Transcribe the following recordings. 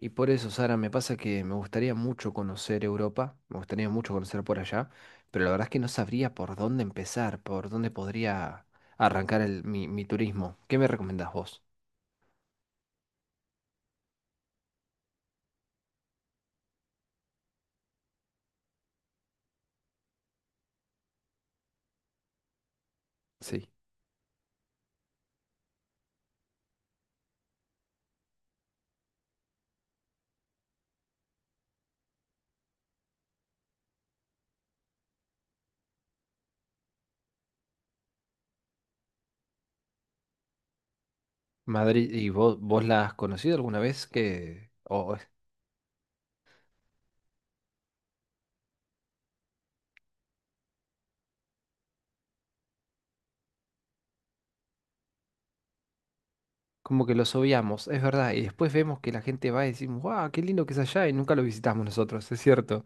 Y por eso, Sara, me pasa que me gustaría mucho conocer Europa, me gustaría mucho conocer por allá, pero la verdad es que no sabría por dónde empezar, por dónde podría arrancar mi turismo. ¿Qué me recomendás vos? Sí. Madrid, ¿y vos la has conocido alguna vez? Que, o es como que los obviamos, es verdad, y después vemos que la gente va y decimos, ¡guau, qué lindo que es allá! Y nunca lo visitamos nosotros, es cierto.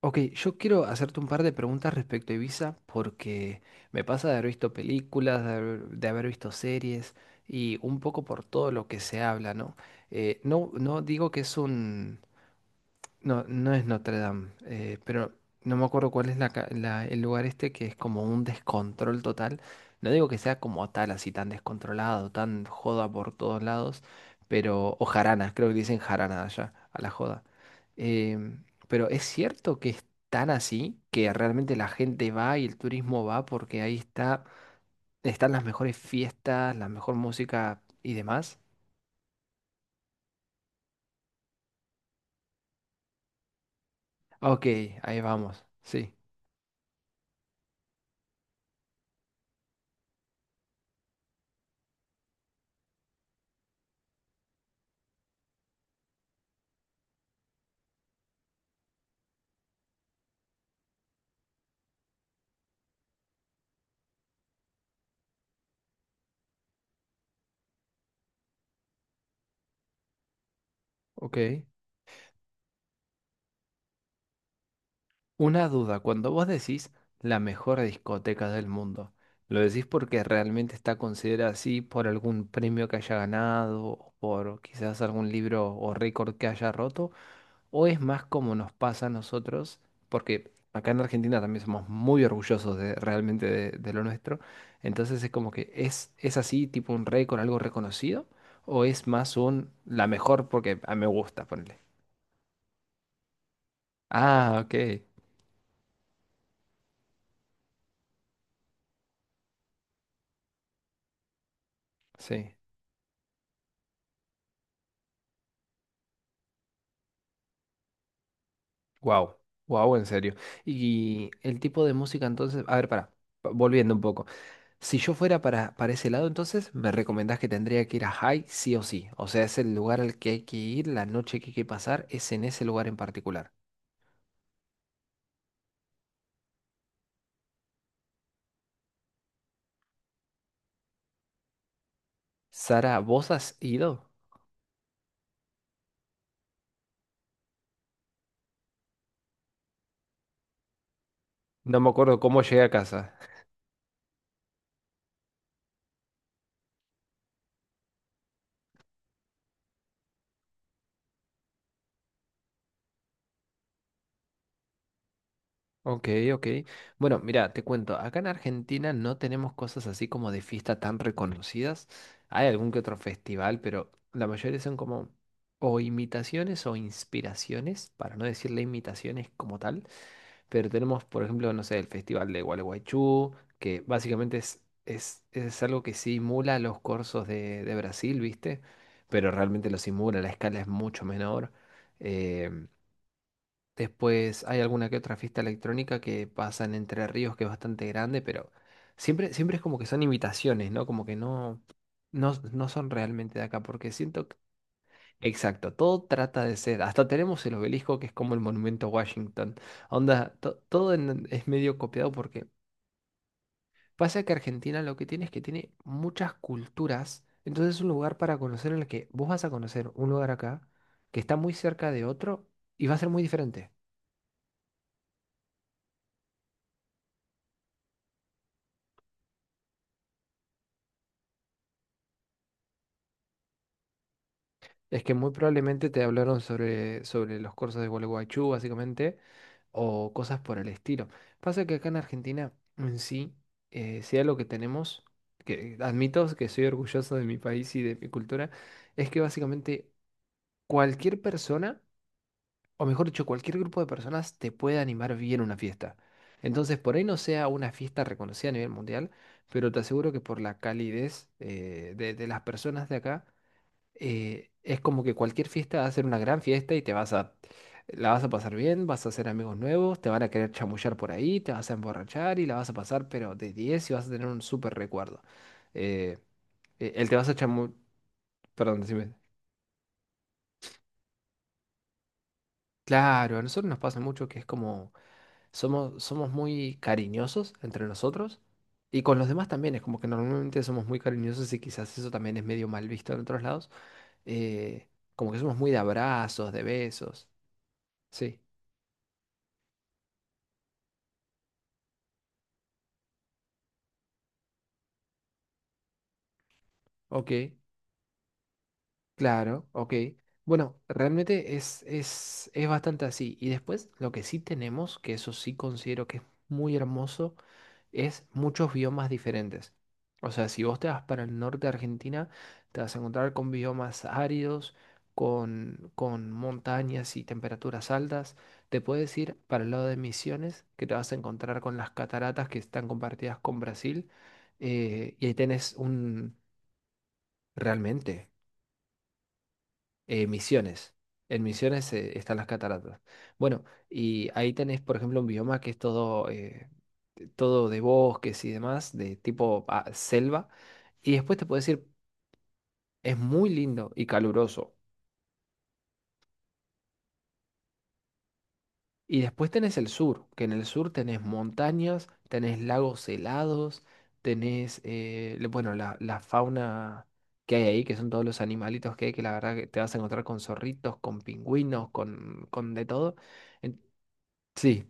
Ok, yo quiero hacerte un par de preguntas respecto a Ibiza porque me pasa de haber visto películas, de haber visto series y un poco por todo lo que se habla, ¿no? No, no digo que es un... No, no es Notre Dame, pero no me acuerdo cuál es el lugar este que es como un descontrol total. No digo que sea como tal, así tan descontrolado, tan joda por todos lados, pero... O jarana, creo que dicen jarana allá, a la joda. Pero es cierto que es tan así, que realmente la gente va y el turismo va porque ahí está, están las mejores fiestas, la mejor música y demás. Ok, ahí vamos. Sí, ok. Una duda, cuando vos decís la mejor discoteca del mundo, ¿lo decís porque realmente está considerada así por algún premio que haya ganado o por quizás algún libro o récord que haya roto? ¿O es más como nos pasa a nosotros? Porque acá en Argentina también somos muy orgullosos de, realmente de lo nuestro. Entonces es como que es así, tipo un récord, algo reconocido. ¿O es más un la mejor porque a mí me gusta, ponerle? Ah, ok. Sí. Wow. Wow, en serio. Y el tipo de música entonces, a ver, volviendo un poco. Si yo fuera para ese lado, entonces me recomendás que tendría que ir a High sí o sí. O sea, es el lugar al que hay que ir, la noche que hay que pasar, es en ese lugar en particular. Sara, ¿vos has ido? No me acuerdo cómo llegué a casa. Ok, ok. Bueno, mira, te cuento, acá en Argentina no tenemos cosas así como de fiesta tan reconocidas. Hay algún que otro festival, pero la mayoría son como o imitaciones o inspiraciones, para no decirle imitaciones como tal. Pero tenemos, por ejemplo, no sé, el Festival de Gualeguaychú, que básicamente es algo que simula los corsos de Brasil, ¿viste? Pero realmente lo simula, la escala es mucho menor. Em, Después hay alguna que otra fiesta electrónica que pasa en Entre Ríos, que es bastante grande, pero siempre es como que son imitaciones, ¿no? Como que no son realmente de acá, porque siento... Exacto, todo trata de ser. Hasta tenemos el obelisco que es como el monumento a Washington. Onda, todo es medio copiado porque pasa que Argentina lo que tiene es que tiene muchas culturas. Entonces es un lugar para conocer en el que vos vas a conocer un lugar acá que está muy cerca de otro y va a ser muy diferente. Es que muy probablemente te hablaron sobre los cursos de Gualeguaychú, básicamente, o cosas por el estilo. Pasa que acá en Argentina en sí, sea lo que tenemos, que admito que soy orgulloso de mi país y de mi cultura, es que básicamente cualquier persona, o mejor dicho, cualquier grupo de personas te puede animar bien una fiesta. Entonces, por ahí no sea una fiesta reconocida a nivel mundial, pero te aseguro que por la calidez de las personas de acá, es como que cualquier fiesta va a ser una gran fiesta y te vas a, la vas a pasar bien, vas a hacer amigos nuevos, te van a querer chamullar por ahí, te vas a emborrachar y la vas a pasar, pero de 10 y vas a tener un súper recuerdo. Eh, el te vas a chamu... Perdón, decime. Claro, a nosotros nos pasa mucho que es como, somos muy cariñosos entre nosotros. Y con los demás también, es como que normalmente somos muy cariñosos y quizás eso también es medio mal visto en otros lados. eh, Como que somos muy de abrazos, de besos. Sí. Ok, claro, ok. Bueno, realmente es bastante así. Y después, lo que sí tenemos, que eso sí considero que es muy hermoso, es muchos biomas diferentes. O sea, si vos te vas para el norte de Argentina, te vas a encontrar con biomas áridos, con montañas y temperaturas altas. Te puedes ir para el lado de Misiones, que te vas a encontrar con las cataratas que están compartidas con Brasil. Y ahí tenés un... Realmente. Misiones. En Misiones están las cataratas. Bueno, y ahí tenés, por ejemplo, un bioma que es todo, todo de bosques y demás, de tipo ah, selva. Y después te puedo decir, es muy lindo y caluroso. Y después tenés el sur, que en el sur tenés montañas, tenés lagos helados, tenés, bueno, la fauna que hay ahí, que son todos los animalitos que hay, que la verdad que te vas a encontrar con zorritos, con pingüinos, con de todo. Sí,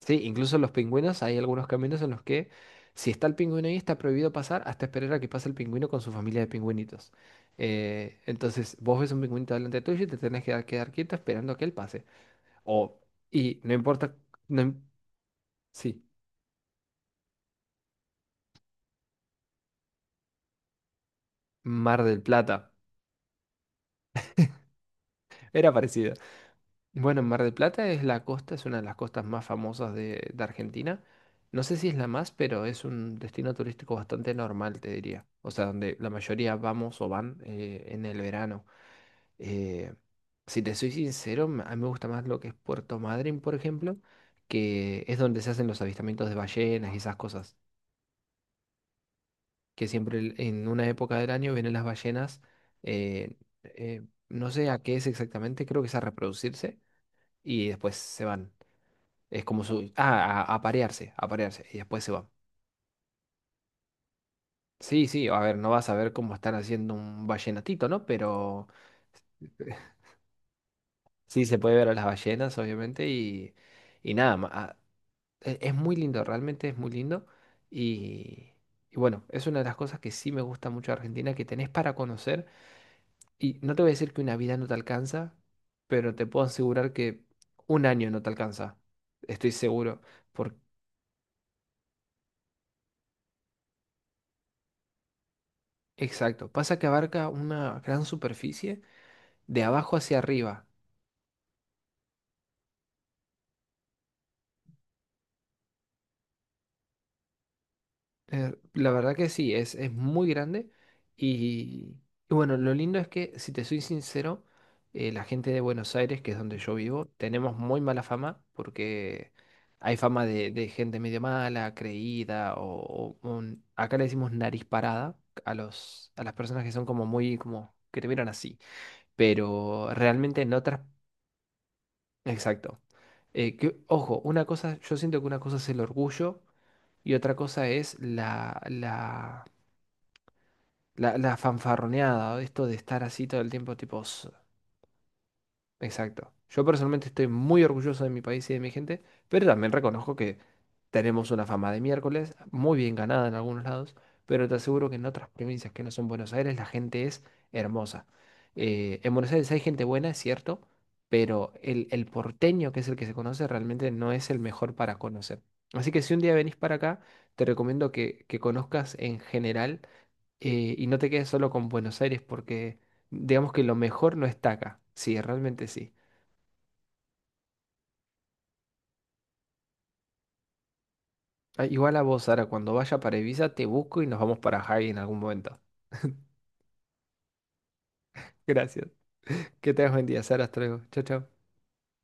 sí, incluso los pingüinos, hay algunos caminos en los que si está el pingüino ahí está prohibido pasar hasta esperar a que pase el pingüino con su familia de pingüinitos. Entonces vos ves un pingüinito delante tuyo y te tenés que quedar quieto esperando a que él pase. O, y no importa, no, im- sí, Mar del Plata, era parecido. Bueno, Mar del Plata es la costa, es una de las costas más famosas de Argentina. No sé si es la más, pero es un destino turístico bastante normal, te diría. O sea, donde la mayoría vamos o van en el verano. Eh, si te soy sincero, a mí me gusta más lo que es Puerto Madryn, por ejemplo, que es donde se hacen los avistamientos de ballenas y esas cosas. Que siempre en una época del año vienen las ballenas. eh, eh, no sé a qué es exactamente, creo que es a reproducirse y después se van. Es como su... Ah, a parearse, a parearse. Y después se van. Sí, sí, a ver, no vas a ver cómo están haciendo un ballenatito, ¿no? Pero sí se puede ver a las ballenas, obviamente, y nada más. Ah, es muy lindo, realmente es muy lindo. Y, y bueno, es una de las cosas que sí me gusta mucho de Argentina, que tenés para conocer. Y no te voy a decir que una vida no te alcanza, pero te puedo asegurar que un año no te alcanza. Estoy seguro. Por... Exacto. Pasa que abarca una gran superficie de abajo hacia arriba. La verdad que sí, es muy grande. Y, y bueno, lo lindo es que, si te soy sincero, la gente de Buenos Aires, que es donde yo vivo, tenemos muy mala fama porque hay fama de gente medio mala, creída, o acá le decimos nariz parada a a las personas que son como muy, como que te miran así. Pero realmente en otras... Exacto. Que, ojo, una cosa, yo siento que una cosa es el orgullo y otra cosa es la fanfarroneada, ¿no? Esto de estar así todo el tiempo, tipo, "S-. Exacto. Yo personalmente estoy muy orgulloso de mi país y de mi gente, pero también reconozco que tenemos una fama de miércoles, muy bien ganada en algunos lados, pero te aseguro que en otras provincias que no son Buenos Aires la gente es hermosa. En Buenos Aires hay gente buena, es cierto, pero el porteño, que es el que se conoce, realmente no es el mejor para conocer. Así que si un día venís para acá, te recomiendo que conozcas en general y no te quedes solo con Buenos Aires porque digamos que lo mejor no está acá. Sí, realmente sí. Ah, igual a vos, Sara, cuando vaya para Ibiza te busco y nos vamos para Hawaii en algún momento. Gracias. Que tengas buen día, Sara. Hasta luego. Chao, chao.